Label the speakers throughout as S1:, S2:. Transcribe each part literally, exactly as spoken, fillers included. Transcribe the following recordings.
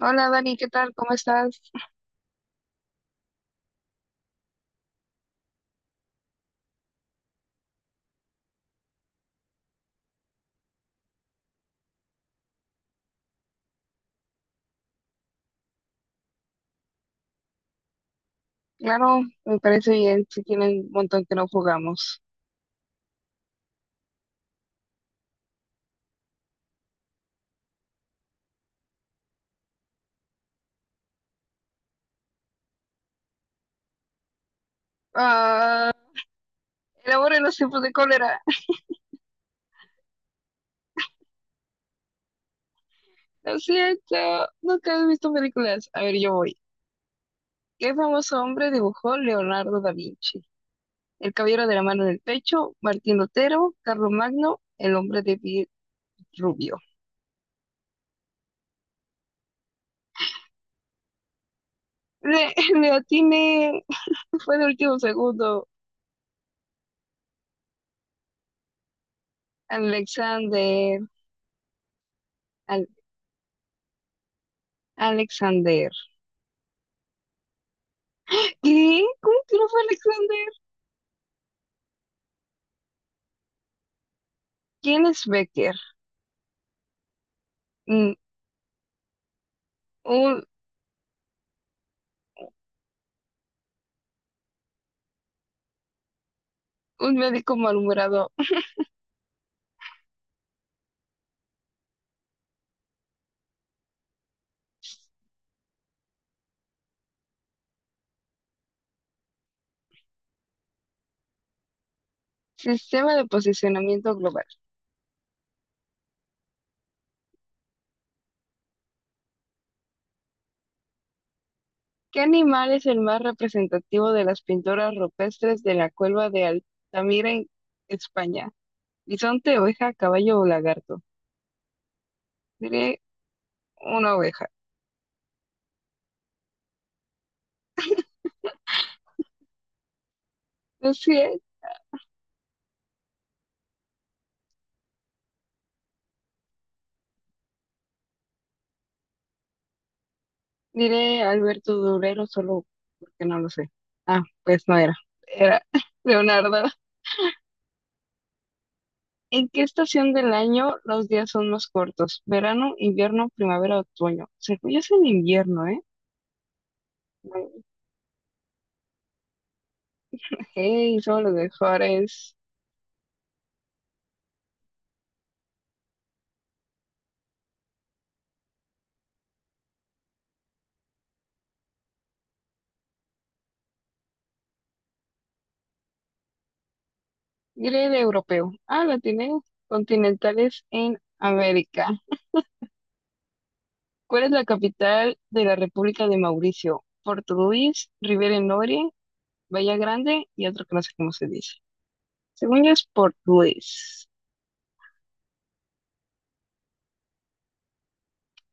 S1: Hola Dani, ¿qué tal? ¿Cómo estás? Claro, me parece bien, si tienen un montón que no jugamos. Ah, el amor en los tiempos de cólera. Lo siento, nunca he visto películas. A ver, yo voy. ¿Qué famoso hombre dibujó Leonardo da Vinci? El caballero de la mano en el pecho, Martín Lutero, Carlos Magno, el hombre de piel rubio. Le, le atiné, fue de último segundo. Alexander, Al- Alexander. ¿Qué? ¿Cómo que no fue Alexander? ¿Quién es Becker? Mm, Un, un médico malhumorado. Sistema de posicionamiento global. ¿Qué animal es el más representativo de las pinturas rupestres de la cueva de Altamira en España? ¿Bisonte, oveja, caballo o lagarto? Diré una oveja. No sé, diré Alberto Durero solo porque no lo sé. Ah, pues no era. Era Leonardo. ¿En qué estación del año los días son más cortos? ¿Verano, invierno, primavera, otoño? Según yo es en invierno, ¿eh? Hey, solo de Juárez. Diré de europeo. Ah, la tiene continentales en América. ¿Cuál es la capital de la República de Mauricio? Porto Luis, Rivera Noria, Bahía Grande y otro que no sé cómo se dice. Según yo es Porto Luis.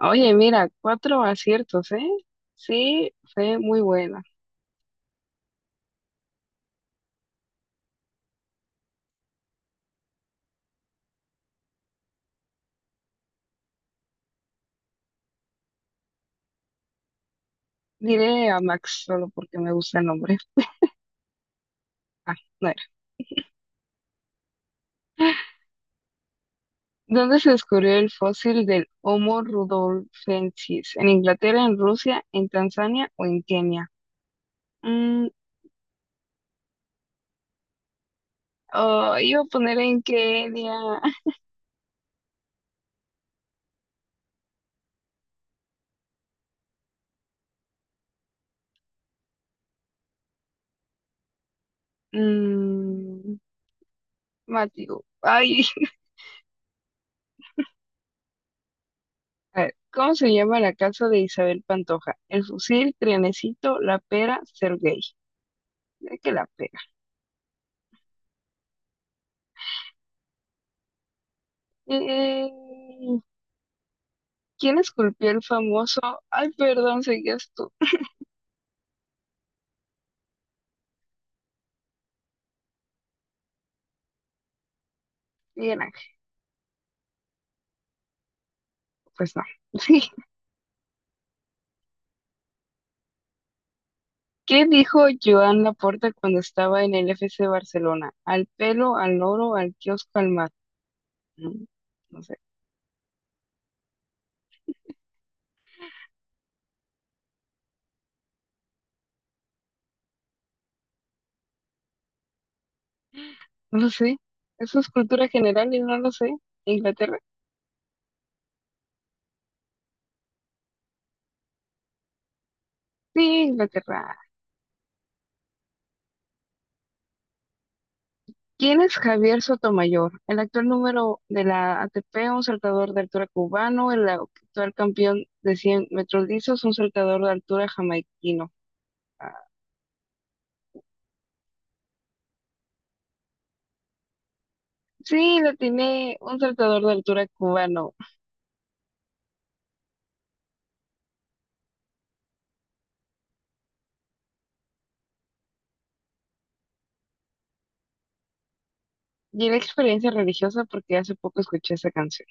S1: Oye, mira, cuatro aciertos, ¿eh? Sí, fue muy buena. Diré a Max solo porque me gusta el nombre. Ah, no, ¿dónde se descubrió el fósil del Homo rudolfensis? ¿En Inglaterra, en Rusia, en Tanzania o en Kenia? Mm, oh, iba a poner en Kenia. Mm, Mateo. Ay, a ver, ¿cómo se llama la casa de Isabel Pantoja? El fusil, Trianecito, La Pera, Sergei. Ya que la pera. Eh, ¿quién esculpió el famoso? Ay, perdón, seguías tú. Miguel Ángel. Pues no. ¿Qué dijo Joan Laporta cuando estaba en el F C Barcelona? Al pelo, al oro, al kiosco, al mar. No, no sé, no lo sé. Eso es cultura general y no lo sé. ¿Inglaterra? Sí, Inglaterra. ¿Quién es Javier Sotomayor? El actual número de la A T P, un saltador de altura cubano, el actual campeón de cien metros lisos, un saltador de altura jamaiquino. Ah, sí, la tiene un saltador de altura cubano. Y la experiencia religiosa porque hace poco escuché esa canción.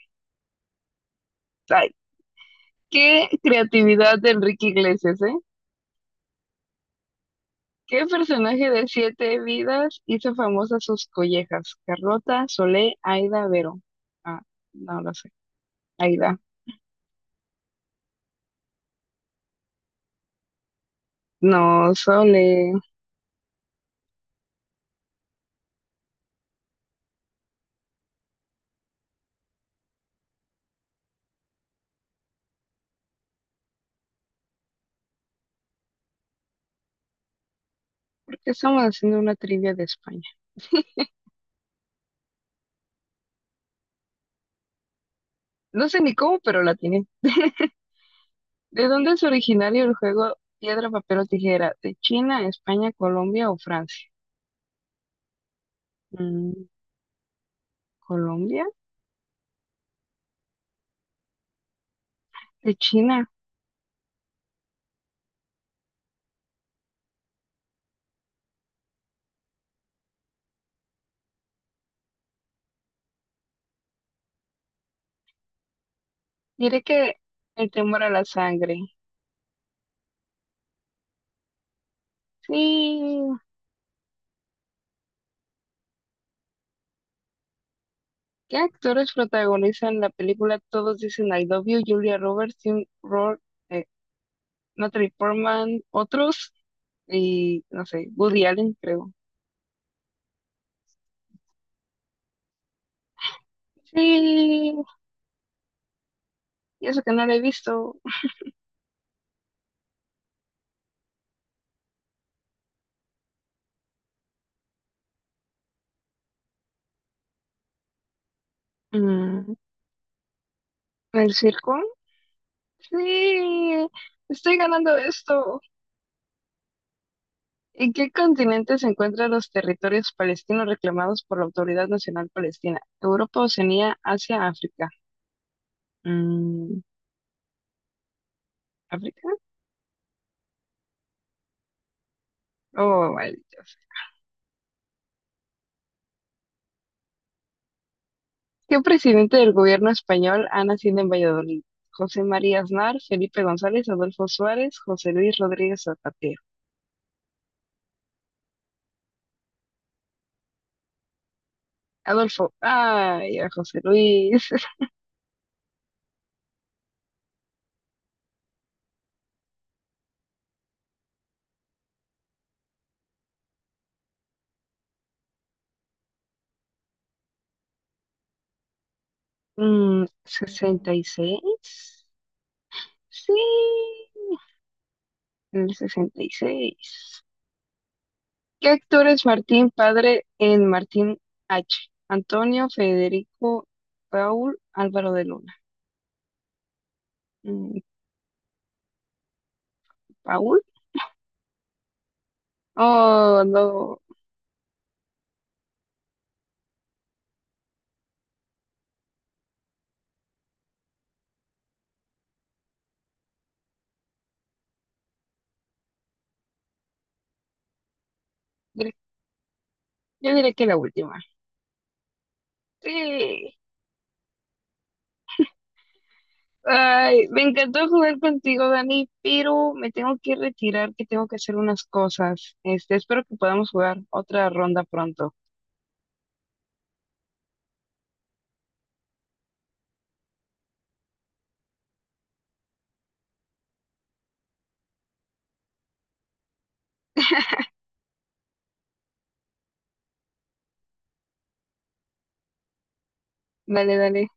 S1: Qué creatividad de Enrique Iglesias, ¿eh? ¿Qué personaje de Siete Vidas hizo famosas sus collejas? Carlota, Solé, Aida, Vero. Ah, no lo sé. Aida. No, Solé. ¿Por qué estamos haciendo una trivia de España? No sé ni cómo, pero la tiene. ¿De dónde es originario el juego piedra, papel o tijera? ¿De China, España, Colombia o Francia? Mm, ¿Colombia? ¿De China? Diré que el temor a la sangre. Sí. ¿Qué actores protagonizan la película Todos dicen I love you? Julia Roberts, Tim Roth, eh, Natalie Portman, otros, y no sé, Woody Allen, creo. Sí, y eso que no lo he visto. Mm, ¿el circo? Sí, estoy ganando esto. ¿En qué continente se encuentran los territorios palestinos reclamados por la Autoridad Nacional Palestina? Europa, Oceanía, Asia, África. Mm, ¿África? Oh, vale. ¿Qué presidente del gobierno español ha nacido en Valladolid? José María Aznar, Felipe González, Adolfo Suárez, José Luis Rodríguez Zapatero. Adolfo, ay, a José Luis. Mm, ¿sesenta y seis? Sí, el sesenta y seis. ¿Qué actor es Martín Padre en Martín H? Antonio, Federico, Paul, Álvaro de Luna. Mm, ¿Paul? Oh, no. Yo diré que la última. Sí. Ay, me encantó jugar contigo, Dani, pero me tengo que retirar, que tengo que hacer unas cosas. Este, espero que podamos jugar otra ronda pronto. Dale, dale.